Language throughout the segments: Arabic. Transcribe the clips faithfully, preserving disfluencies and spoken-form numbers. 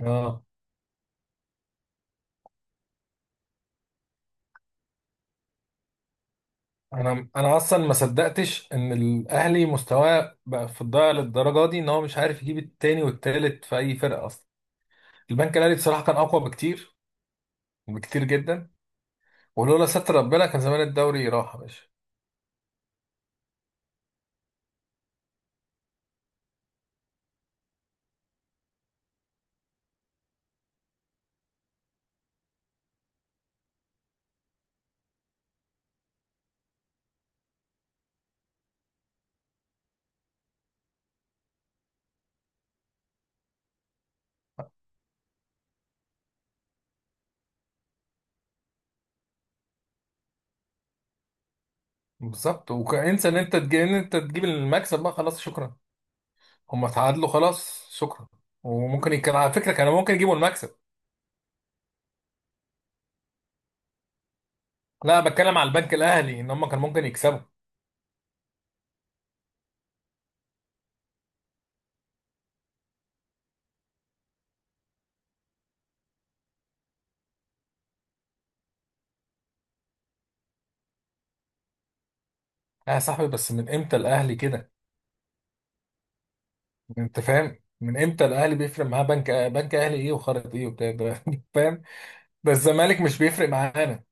اه انا انا اصلا ما صدقتش ان الاهلي مستواه بقى في الضياع للدرجه دي، ان هو مش عارف يجيب التاني والتالت في اي فرقه اصلا. البنك الاهلي بصراحه كان اقوى بكتير، بكتير جدا. ولولا ستر ربنا كان زمان الدوري راح يا باشا. بالظبط، وانسى ان انت تجيب، ان انت تجيب المكسب، بقى خلاص شكرا. هم تعادلوا خلاص شكرا. وممكن يكون على فكره كانوا ممكن يجيبوا المكسب. لا، بتكلم على البنك الاهلي ان هم كان ممكن يكسبوا. لا يا صاحبي، بس من امتى الاهلي كده؟ انت فاهم؟ من امتى الاهلي بيفرق معاه بنك، بنك اهلي ايه وخرط ايه وبتاع ده؟ فاهم؟ ده الزمالك مش بيفرق معانا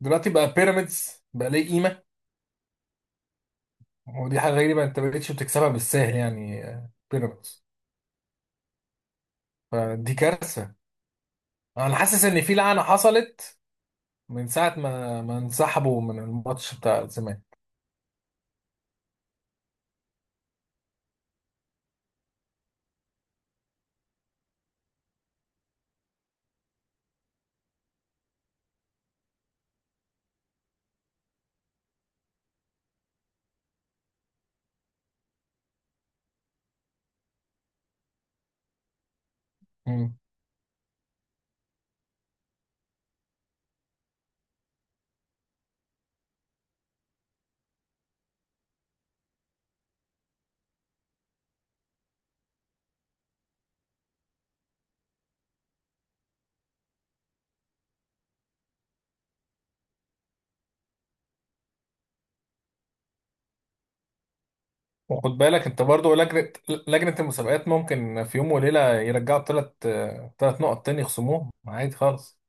دلوقتي، بقى بيراميدز بقى ليه قيمه. ودي حاجه غريبه، انت ما بقتش بتكسبها بالسهل، يعني آه، بيراميدز. فدي كارثه. انا حاسس ان في لعنه حصلت من ساعه ما ما انسحبوا من الماتش بتاع الزمالك. مم. وخد بالك انت برضو، لجنه لجنه المسابقات ممكن في يوم وليله يرجعوا ثلاث، ثلاث نقط تاني يخصموهم عادي خالص.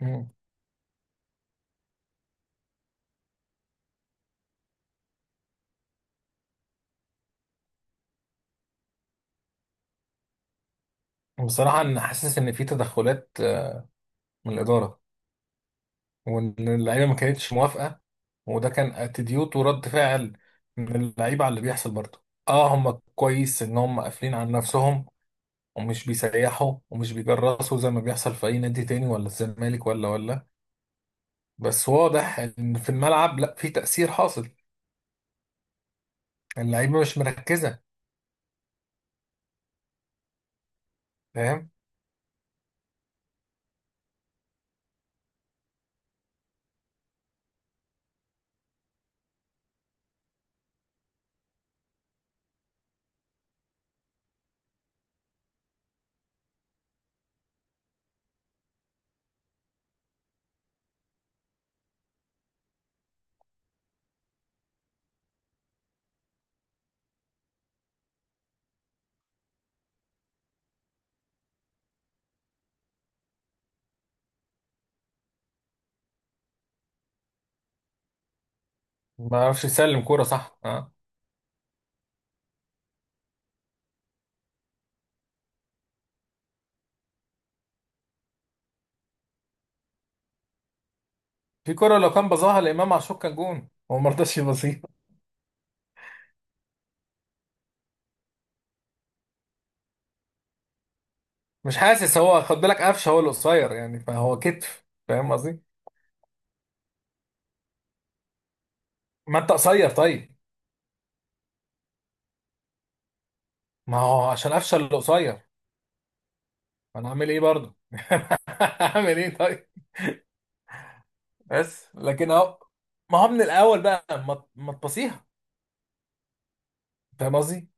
مم. بصراحة أنا حاسس إن في تدخلات، آه، من الإدارة، وإن اللعيبة ما كانتش موافقة. وده كان اتيتيود ورد فعل من اللعيبة على اللي بيحصل. برضه آه، هم كويس إن هم قافلين على نفسهم، ومش بيسيحوا ومش بيجرسوا زي ما بيحصل في أي نادي تاني، ولا الزمالك ولا ولا. بس واضح إن في الملعب، لأ، في تأثير حاصل. اللعيبة مش مركزة. فاهم؟ ما يعرفش يسلم كورة صح آه. في كورة لو كان بظاها لإمام عاشور كان جون، هو ما رضاش يبصيها. مش حاسس. هو خد بالك قفشه هو القصير، يعني فهو كتف، فاهم قصدي؟ ما انت قصير طيب. ما هو عشان قفشه اللي قصير. انا هعمل ايه برضه؟ هعمل ايه طيب؟ بس لكن اهو، ما هو من الاول بقى ما ما تبصيها، فاهم قصدي؟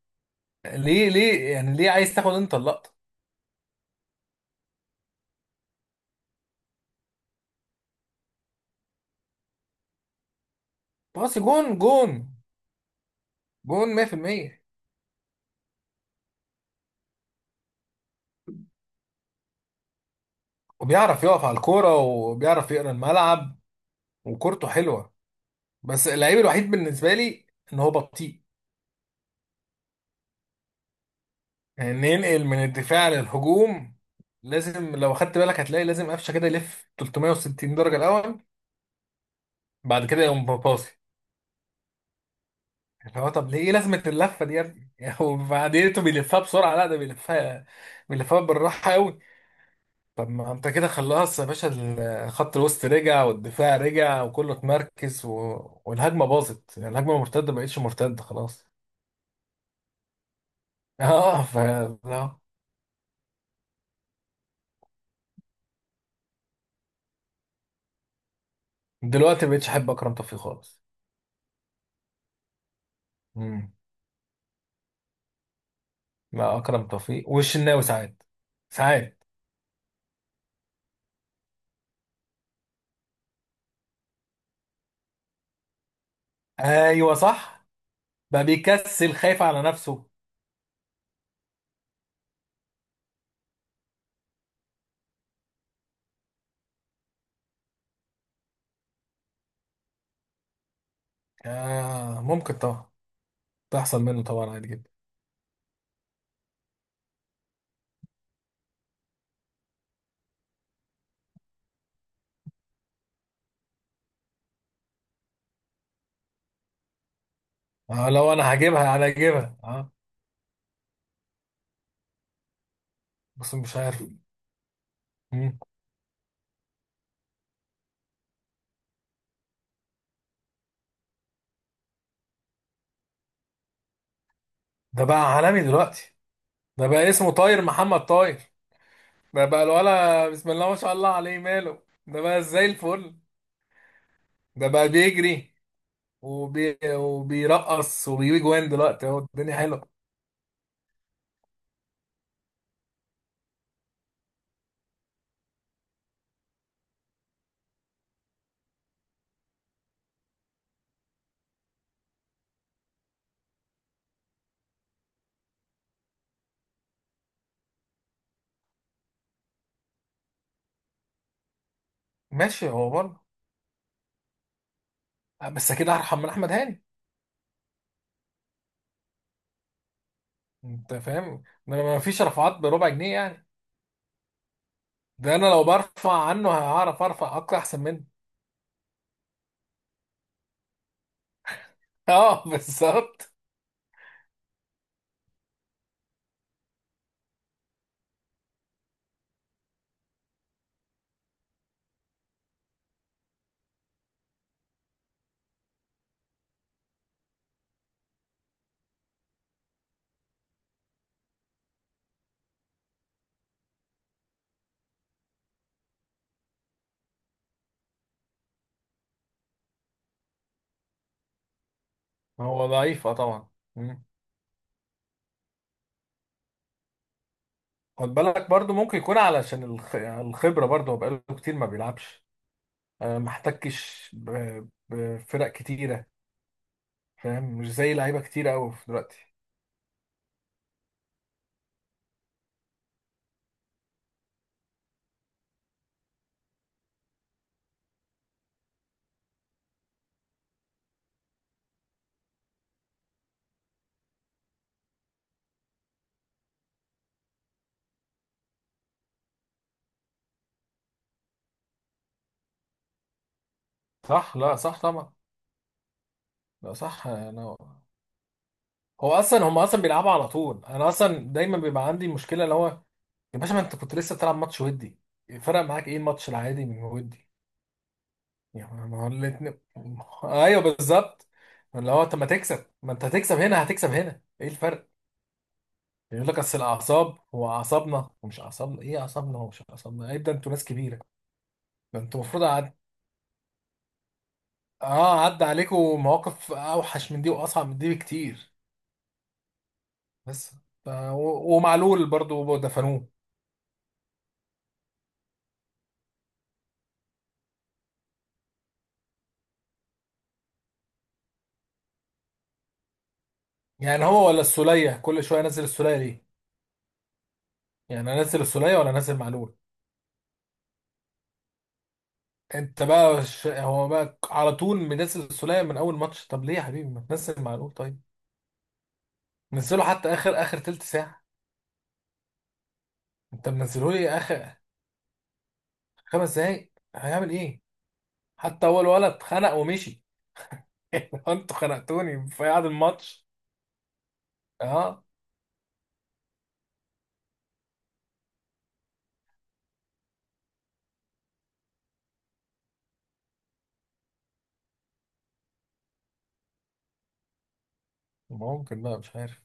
ليه؟ ليه يعني ليه عايز تاخد انت اللقطه؟ باصي جون، جون. جون مية في المية. وبيعرف يقف على الكوره وبيعرف يقرا الملعب، وكورته حلوه. بس اللعيب الوحيد بالنسبه لي ان هو بطيء. يعني ننقل من الدفاع للهجوم، لازم لو خدت بالك هتلاقي لازم قفشه كده يلف تلت مية وستين درجه الاول، بعد كده يقوم باصي. اللي هو طب ليه، ايه لازمه اللفه دي يا ابني؟ وبعدين انتوا بيلفها بسرعه، لا ده بيلفها، بيلفها بالراحه قوي. طب ما انت كده خلاص يا باشا. الخط الوسط رجع والدفاع رجع وكله اتمركز و... والهجمه باظت، يعني الهجمه مرتده ما بقتش مرتده خلاص. اه ف. لا. دلوقتي ما بقتش احب اكرم توفيق خالص. مع اكرم توفيق والشناوي ساعات، ساعات. ايوه صح، بقى بيكسل خايف على نفسه. آه ممكن طبعا، تحصل منه طبعا عادي جدا. آه لو انا هجيبها انا هجيبها اه. بس مش عارف. مم. ده بقى عالمي دلوقتي. ده بقى اسمه طاير محمد طاير. ده بقى الولا بسم الله ما شاء الله عليه، ماله ده بقى زي الفل. ده بقى بيجري وبي... وبيرقص وبيجيب جوان، دلوقتي اهو الدنيا حلوه. ماشي هو برضه آه، بس كده ارحم من احمد هاني. انت فاهم؟ ده ما فيش رفعات بربع جنيه يعني. ده انا لو برفع عنه هعرف ارفع اكتر احسن منه. اه بالظبط. هو ضعيف اه طبعا. مم. خد بالك برضو ممكن يكون علشان الخ- الخبره، برضو هو بقاله كتير ما بيلعبش. آه، ما احتكش ب- بفرق كتيره، فاهم؟ مش زي لعيبه كتيره قوي في دلوقتي. صح، لا صح طبعا. لا صح انا. هو اصلا هم اصلا بيلعبوا على طول. انا اصلا دايما بيبقى عندي مشكله اللي هو، يا باشا ما انت كنت لسه بتلعب ماتش ودي، فرق معاك ايه الماتش العادي من ودي؟ يعني ما هو الاتنين. ايوه بالظبط. اللي هو طب ما تكسب، ما انت هتكسب هنا هتكسب هنا، ايه الفرق؟ يقول لك اصل الاعصاب، هو اعصابنا ومش اعصابنا ايه؟ اعصابنا ومش اعصابنا ايه؟ ده انتوا ناس كبيره. ده انتوا المفروض عد... اه عدى عليكم مواقف اوحش من دي واصعب من دي بكتير. بس ف... و... ومعلول برضو دفنوه. يعني هو ولا السوليه، كل شويه نزل السوليه ليه؟ يعني انزل السوليه ولا انزل معلول؟ انت بقى ش... هو بقى على طول منزل السولية من اول ماتش، طب ليه يا حبيبي ما تنزل معلول طيب؟ نزله حتى اخر، اخر تلت ساعة. انت منزله لي اخر خمس دقايق، هيعمل ايه؟ حتى اول ولد خنق ومشي. انتوا خنقتوني في قعد الماتش. اه ممكن بقى، مش عارف.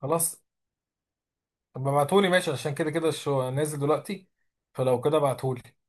خلاص. طب ابعتولي ماشي، عشان كده كده الشو نازل دلوقتي، فلو كده ابعتولي.